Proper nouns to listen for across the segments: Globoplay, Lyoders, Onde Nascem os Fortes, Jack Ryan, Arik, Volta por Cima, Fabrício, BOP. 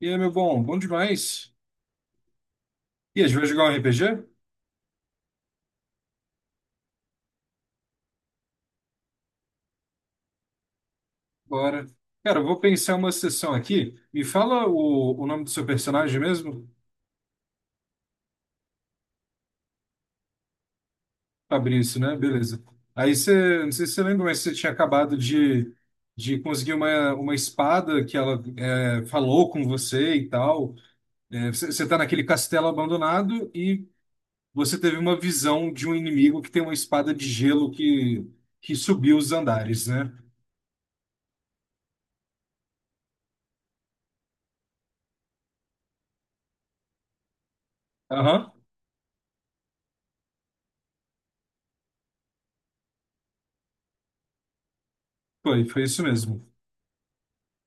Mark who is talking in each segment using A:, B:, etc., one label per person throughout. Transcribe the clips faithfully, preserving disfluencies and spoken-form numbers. A: E aí, meu bom, bom demais. E a gente vai jogar um R P G? Bora. Cara, eu vou pensar uma sessão aqui. Me fala o, o nome do seu personagem mesmo? Fabrício, né? Beleza. Aí você, não sei se você lembra, mas você tinha acabado de, de conseguir uma, uma espada que ela é, falou com você e tal. É, você, você tá naquele castelo abandonado e você teve uma visão de um inimigo que tem uma espada de gelo que, que subiu os andares, né? Aham, foi, foi isso mesmo.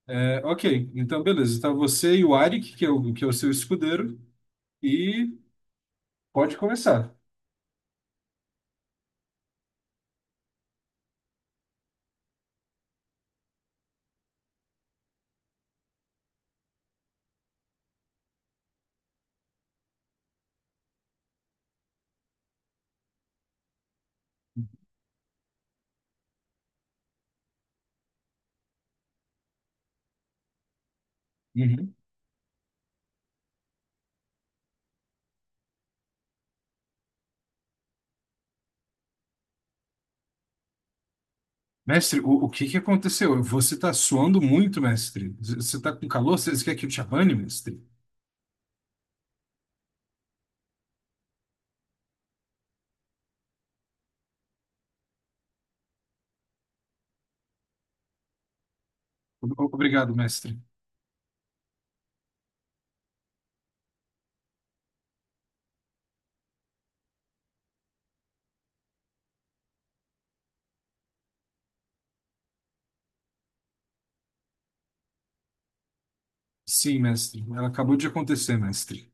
A: É, ok, então beleza. Tá você e o Arik, que é o, que é o seu escudeiro, e pode começar. Uhum. Mestre, o, o que que aconteceu? Você tá suando muito, mestre. Z- Você tá com calor? Você você quer que eu te abane, mestre? O- Obrigado, mestre. Sim, mestre. Ela acabou de acontecer, mestre.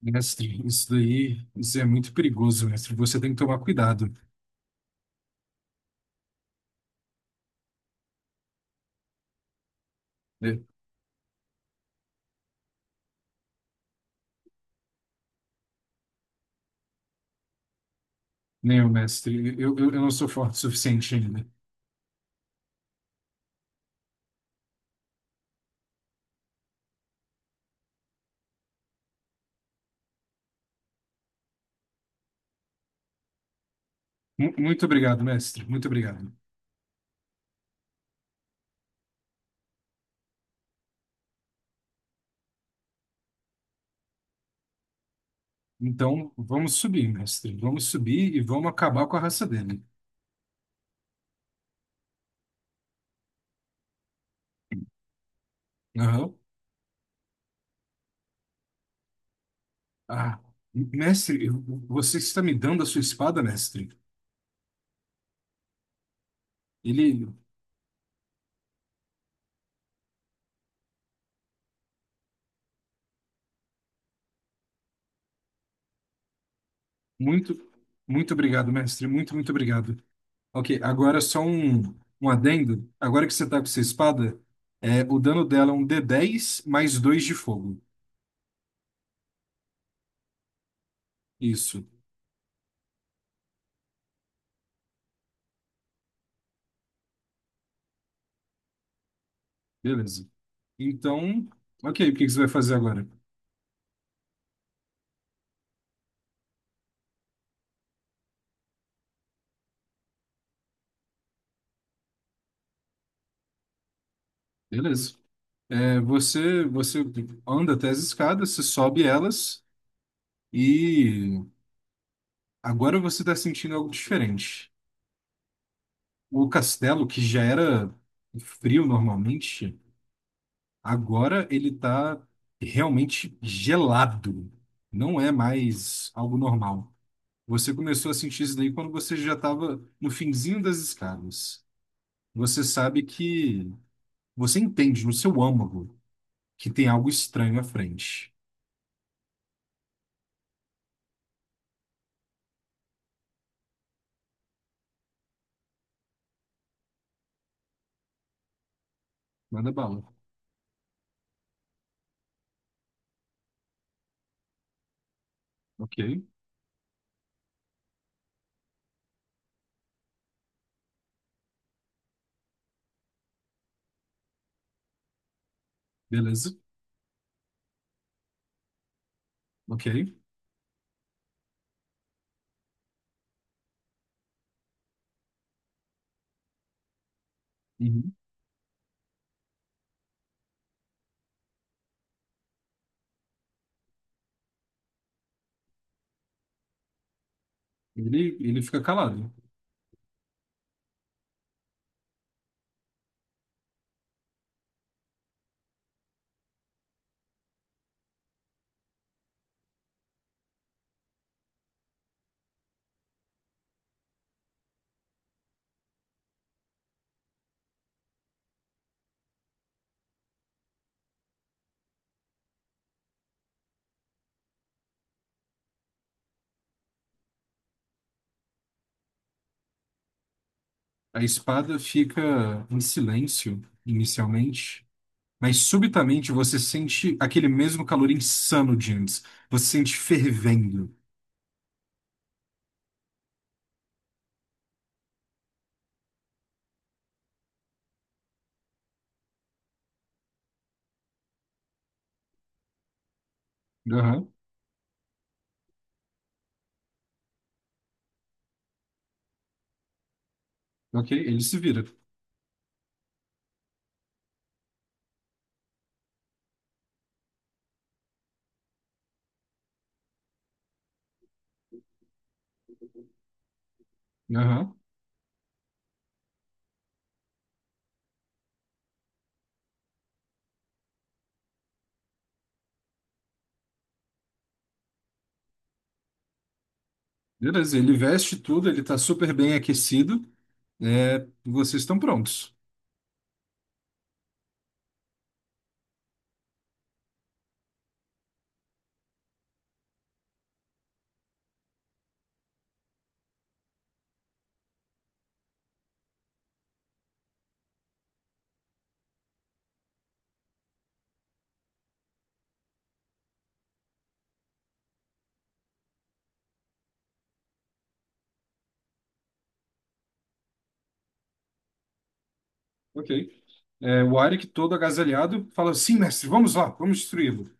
A: Mestre, isso daí, isso é muito perigoso, mestre. Você tem que tomar cuidado. É, não, mestre, eu, eu, eu não sou forte o suficiente ainda. Mu- Muito obrigado, mestre. Muito obrigado. Então, vamos subir, mestre. Vamos subir e vamos acabar com a raça dele. Aham. Ah, mestre, eu- você está me dando a sua espada, mestre? Ele, muito, muito obrigado, mestre. Muito, muito obrigado. Ok, agora só um, um adendo. Agora que você está com sua espada, é, o dano dela é um d dez mais dois de fogo. Isso, beleza. Então, ok, o que que você vai fazer agora? Beleza. É, você, você anda até as escadas, você sobe elas, e agora você está sentindo algo diferente. O castelo, que já era frio normalmente, agora ele está realmente gelado. Não é mais algo normal. Você começou a sentir isso daí quando você já estava no finzinho das escadas. Você sabe que você entende no seu âmago que tem algo estranho à frente. Manda bala. Ok, beleza. Ok. Uhum. Ele, ele fica calado. A espada fica em silêncio inicialmente, mas subitamente você sente aquele mesmo calor insano de antes. Você sente fervendo. Aham, ok, ele se vira. Aham, beleza, ele veste tudo, ele tá super bem aquecido. É, vocês estão prontos. Ok. É, o Arik, todo agasalhado, fala: Sim, mestre, vamos lá, vamos destruí-lo.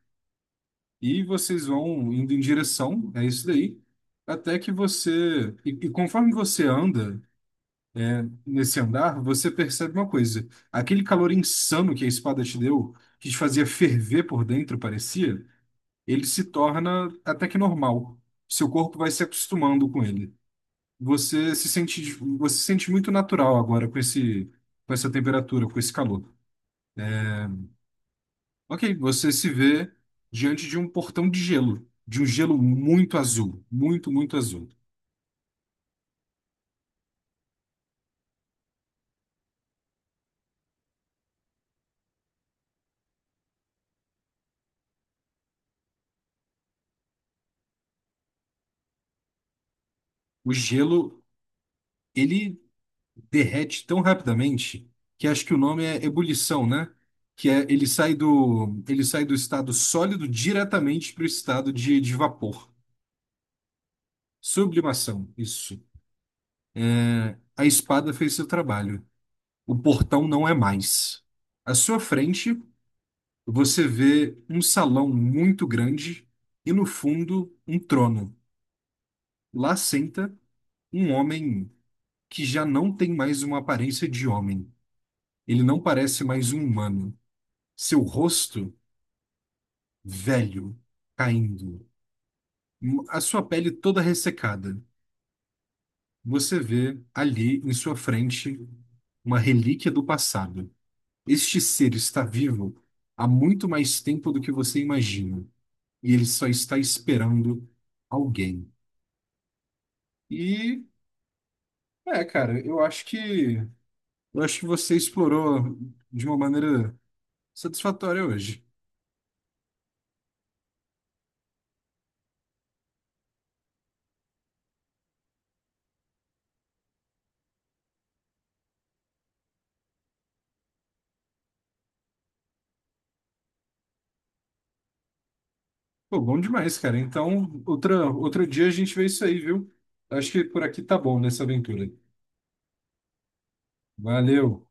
A: E vocês vão indo em direção, é isso daí, até que você. E, e conforme você anda, nesse andar, você percebe uma coisa. Aquele calor insano que a espada te deu, que te fazia ferver por dentro, parecia, ele se torna até que normal. Seu corpo vai se acostumando com ele. Você se sente, você se sente muito natural agora com esse, com essa temperatura, com esse calor. É, ok, você se vê diante de um portão de gelo, de um gelo muito azul, muito, muito azul. O gelo, ele derrete tão rapidamente que acho que o nome é ebulição, né? Que é ele sai do ele sai do estado sólido diretamente para o estado de, de vapor. Sublimação, isso. É, a espada fez seu trabalho. O portão não é mais. À sua frente, você vê um salão muito grande e no fundo um trono. Lá senta um homem que já não tem mais uma aparência de homem. Ele não parece mais um humano. Seu rosto velho, caindo, a sua pele toda ressecada. Você vê ali em sua frente uma relíquia do passado. Este ser está vivo há muito mais tempo do que você imagina, e ele só está esperando alguém. E é, cara, eu acho que eu acho que você explorou de uma maneira satisfatória hoje. Pô, bom demais, cara. Então, outra, outro dia a gente vê isso aí, viu? Acho que por aqui tá bom nessa aventura. Valeu.